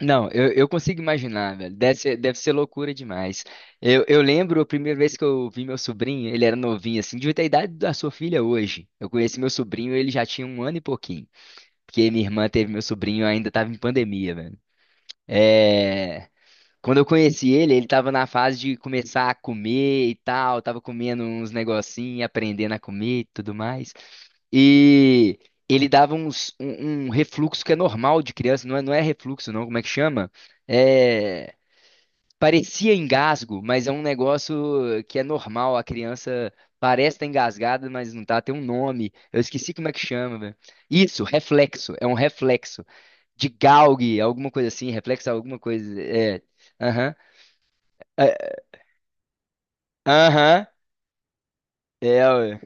Não, eu consigo imaginar, velho. Deve ser loucura demais. Eu lembro a primeira vez que eu vi meu sobrinho, ele era novinho, assim, devia ter a idade da sua filha hoje. Eu conheci meu sobrinho, ele já tinha um ano e pouquinho. Porque minha irmã teve meu sobrinho, ainda tava em pandemia, velho. É. Quando eu conheci ele tava na fase de começar a comer e tal, tava comendo uns negocinhos, aprendendo a comer e tudo mais. E ele dava um refluxo que é normal de criança, não é, não é refluxo, não, como é que chama? É, parecia engasgo, mas é um negócio que é normal, a criança parece estar engasgada, mas não tá, tem um nome, eu esqueci como é que chama, velho. Isso, reflexo, é um reflexo de Gauge, alguma coisa assim, reflexo alguma coisa, é, aham. É, aham, é, ué.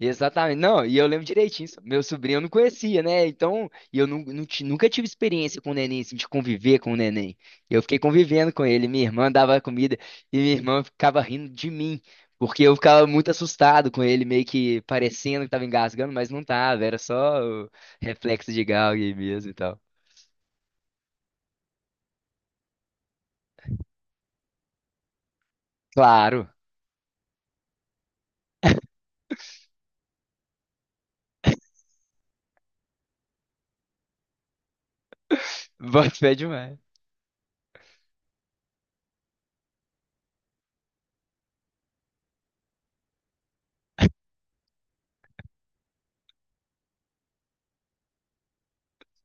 Exatamente. Não, e eu lembro direitinho isso. Meu sobrinho eu não conhecia, né? Então, e eu nunca tive experiência com o neném, assim, de conviver com o neném. Eu fiquei convivendo com ele. Minha irmã dava comida e minha irmã ficava rindo de mim, porque eu ficava muito assustado com ele, meio que parecendo que tava engasgando, mas não tava. Era só o reflexo de Gauguin mesmo e tal. Claro, bota fé demais.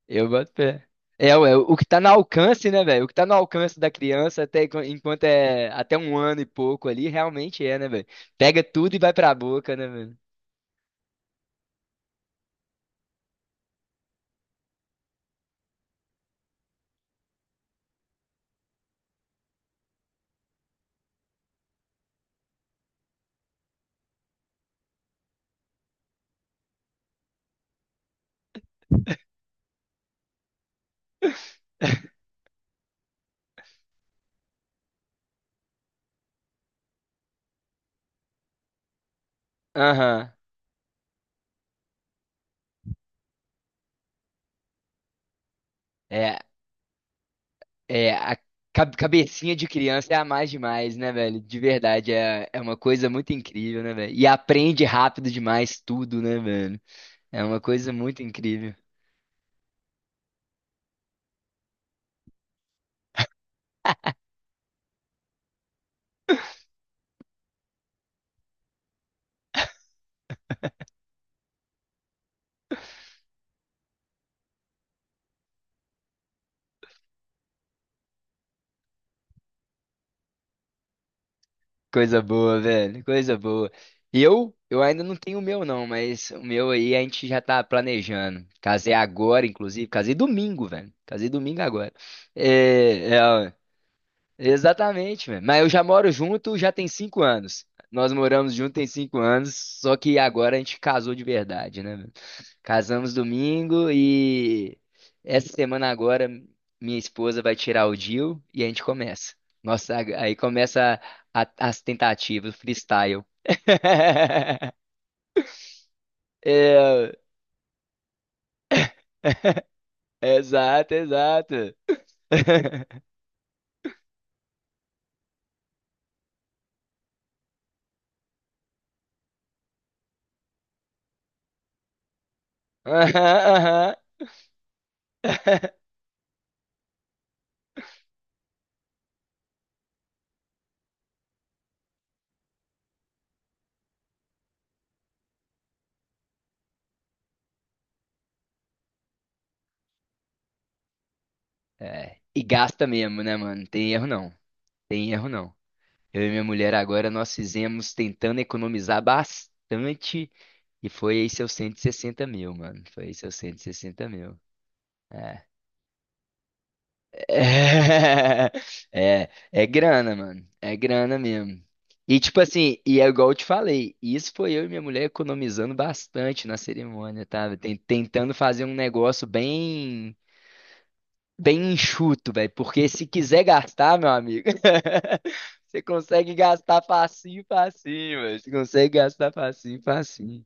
Eu boto pé. É, ué, o que tá no alcance, né, velho? O que tá no alcance da criança até enquanto é até um ano e pouco ali, realmente é, né, velho? Pega tudo e vai pra boca, né, velho? Aham. É, é, a cabecinha de criança é a mais demais, né, velho? De verdade, é uma coisa muito incrível, né, velho? E aprende rápido demais tudo, né, velho? É uma coisa muito incrível. Coisa boa, velho. Coisa boa. E eu ainda não tenho o meu, não, mas o meu aí a gente já tá planejando. Casei agora, inclusive. Casei domingo, velho. Casei domingo agora. É, é, ó, exatamente, velho. Mas eu já moro junto já tem 5 anos. Nós moramos junto tem 5 anos, só que agora a gente casou de verdade, né? Casamos domingo e essa semana agora minha esposa vai tirar o DIU e a gente começa. Nossa, aí começa as tentativas, o freestyle. É, exato, exato. Aham, aham. É, e gasta mesmo, né, mano? Tem erro não. Tem erro não. Eu e minha mulher agora nós fizemos tentando economizar bastante e foi aí seus 160 mil, mano. Foi aí seus cento e sessenta mil. É. É, é grana, mano. É grana mesmo. E tipo assim, e é igual eu te falei, isso foi eu e minha mulher economizando bastante na cerimônia, tá? Tentando fazer um negócio bem enxuto, velho, porque se quiser gastar, meu amigo, você consegue gastar facinho, facinho, velho. Você consegue gastar facinho, facinho.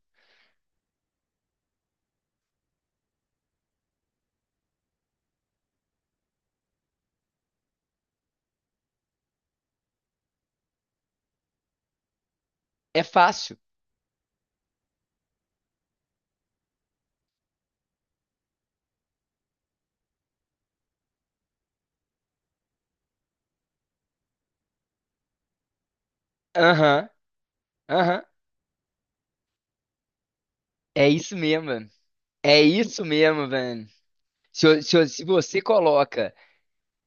É fácil. Aham, aham. É isso mesmo, velho. É isso mesmo, velho. Se, eu- se, eu- se você coloca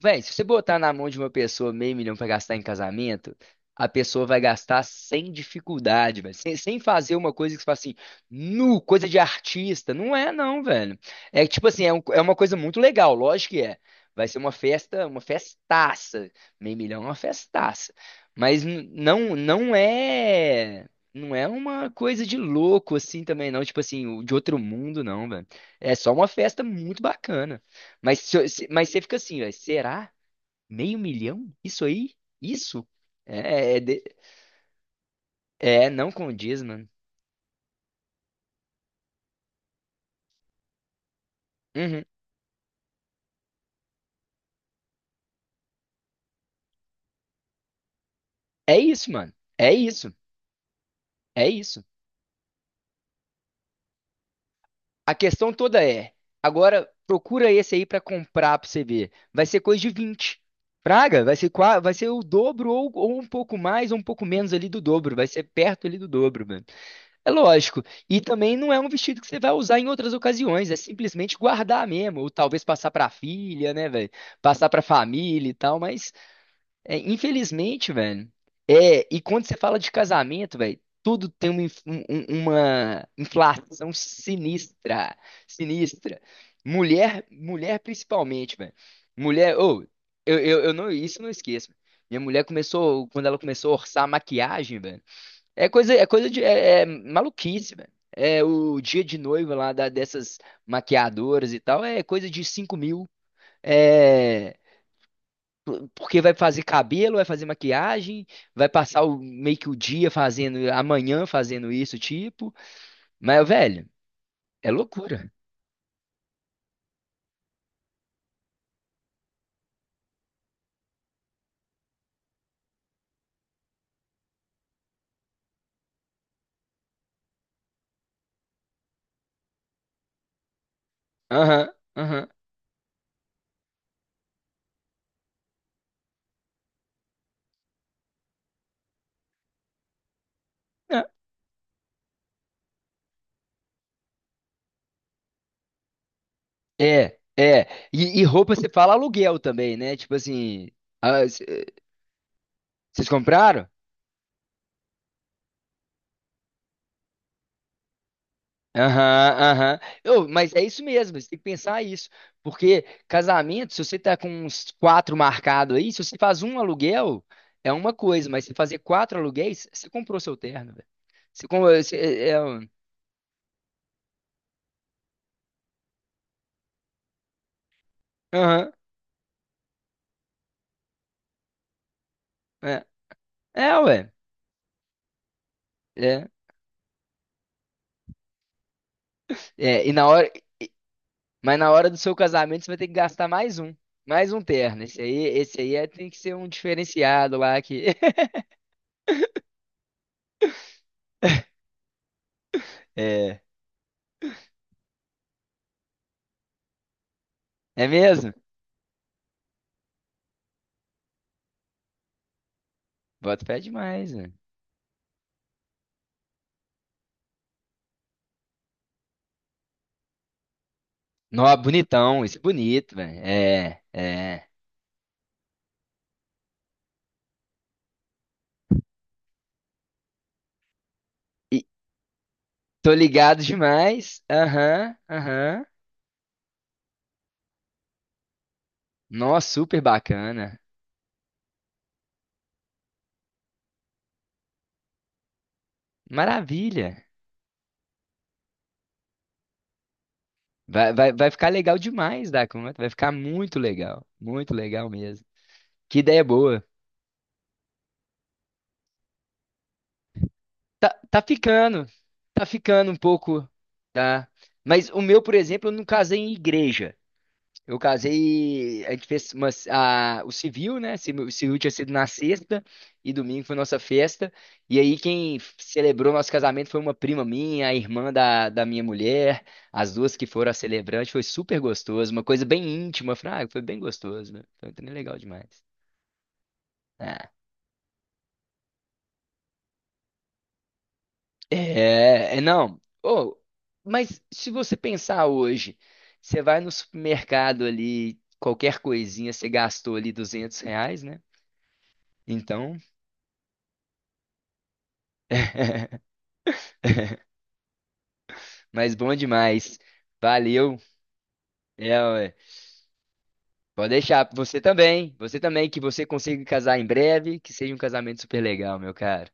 Véi, se você botar na mão de uma pessoa meio milhão pra gastar em casamento, a pessoa vai gastar sem dificuldade, velho. Sem fazer uma coisa que você fala assim, nu, coisa de artista. Não é, não, velho. É tipo assim, é uma coisa muito legal, lógico que é. Vai ser uma festa, uma festaça. Meio milhão é uma festaça. Mas não, não é. Não é uma coisa de louco assim também, não. Tipo assim, de outro mundo, não, velho. É só uma festa muito bacana. Mas, se eu- se- mas você fica assim, velho, será? Meio milhão? Isso aí? Isso? É, é, de- não condiz, mano. Uhum. É isso, mano. É isso. É isso. A questão toda é, agora procura esse aí pra comprar pra você ver. Vai ser coisa de 20 Praga, vai ser, vai ser o dobro ou, um pouco mais ou um pouco menos ali do dobro. Vai ser perto ali do dobro, mano. É lógico. E também não é um vestido que você vai usar em outras ocasiões, é simplesmente guardar mesmo, ou talvez passar pra filha, né, velho? Passar pra família e tal, mas é, infelizmente, velho. É, e quando você fala de casamento, velho, tudo tem uma inflação sinistra, sinistra. Mulher, mulher principalmente, velho. Mulher, ô, eu não, isso eu não esqueço. Minha mulher começou, quando ela começou a orçar a maquiagem, velho. É maluquice, velho. É o dia de noiva lá dessas maquiadoras e tal, é coisa de 5 mil. É, porque vai fazer cabelo, vai fazer maquiagem, vai passar o, meio que o dia fazendo, amanhã fazendo isso, tipo. Mas, velho, é loucura. Aham, aham. Não, é, é. E roupa você fala aluguel também, né? Tipo assim, ah, c- vocês compraram? Aham, aham. Mas é isso mesmo, você tem que pensar isso. Porque casamento, se você tá com uns quatro marcados aí, se você faz um aluguel, é uma coisa, mas se fazer quatro aluguéis, você comprou seu terno, velho. Você, com- você- é, é, um- aham, é, é, ué. É, e na hora, mas na hora do seu casamento, você vai ter que gastar mais um, terno. Esse aí é, tem que ser um diferenciado lá que. É, é mesmo? Bota fé demais, né? Nó, bonitão, isso é bonito, velho. É, é. E tô ligado demais. Aham, aham. Nó, super bacana. Maravilha. Vai ficar legal demais da conta. Vai ficar muito legal. Muito legal mesmo. Que ideia boa. Tá ficando. Tá ficando um pouco. Tá. Mas o meu, por exemplo, eu não casei em igreja. Eu casei, a gente fez o civil, né? O civil tinha sido na sexta e domingo foi nossa festa. E aí quem celebrou nosso casamento foi uma prima minha, a irmã da minha mulher, as duas que foram a celebrante. Foi super gostoso, uma coisa bem íntima, fraga, foi bem gostoso, né? Foi também legal demais. Ah, é não. Oh, mas se você pensar hoje, você vai no supermercado ali, qualquer coisinha, você gastou ali R$ 200, né? Então... Mas bom demais. Valeu. É, ué. Pode deixar. Você também. Você também, que você consiga casar em breve, que seja um casamento super legal, meu caro.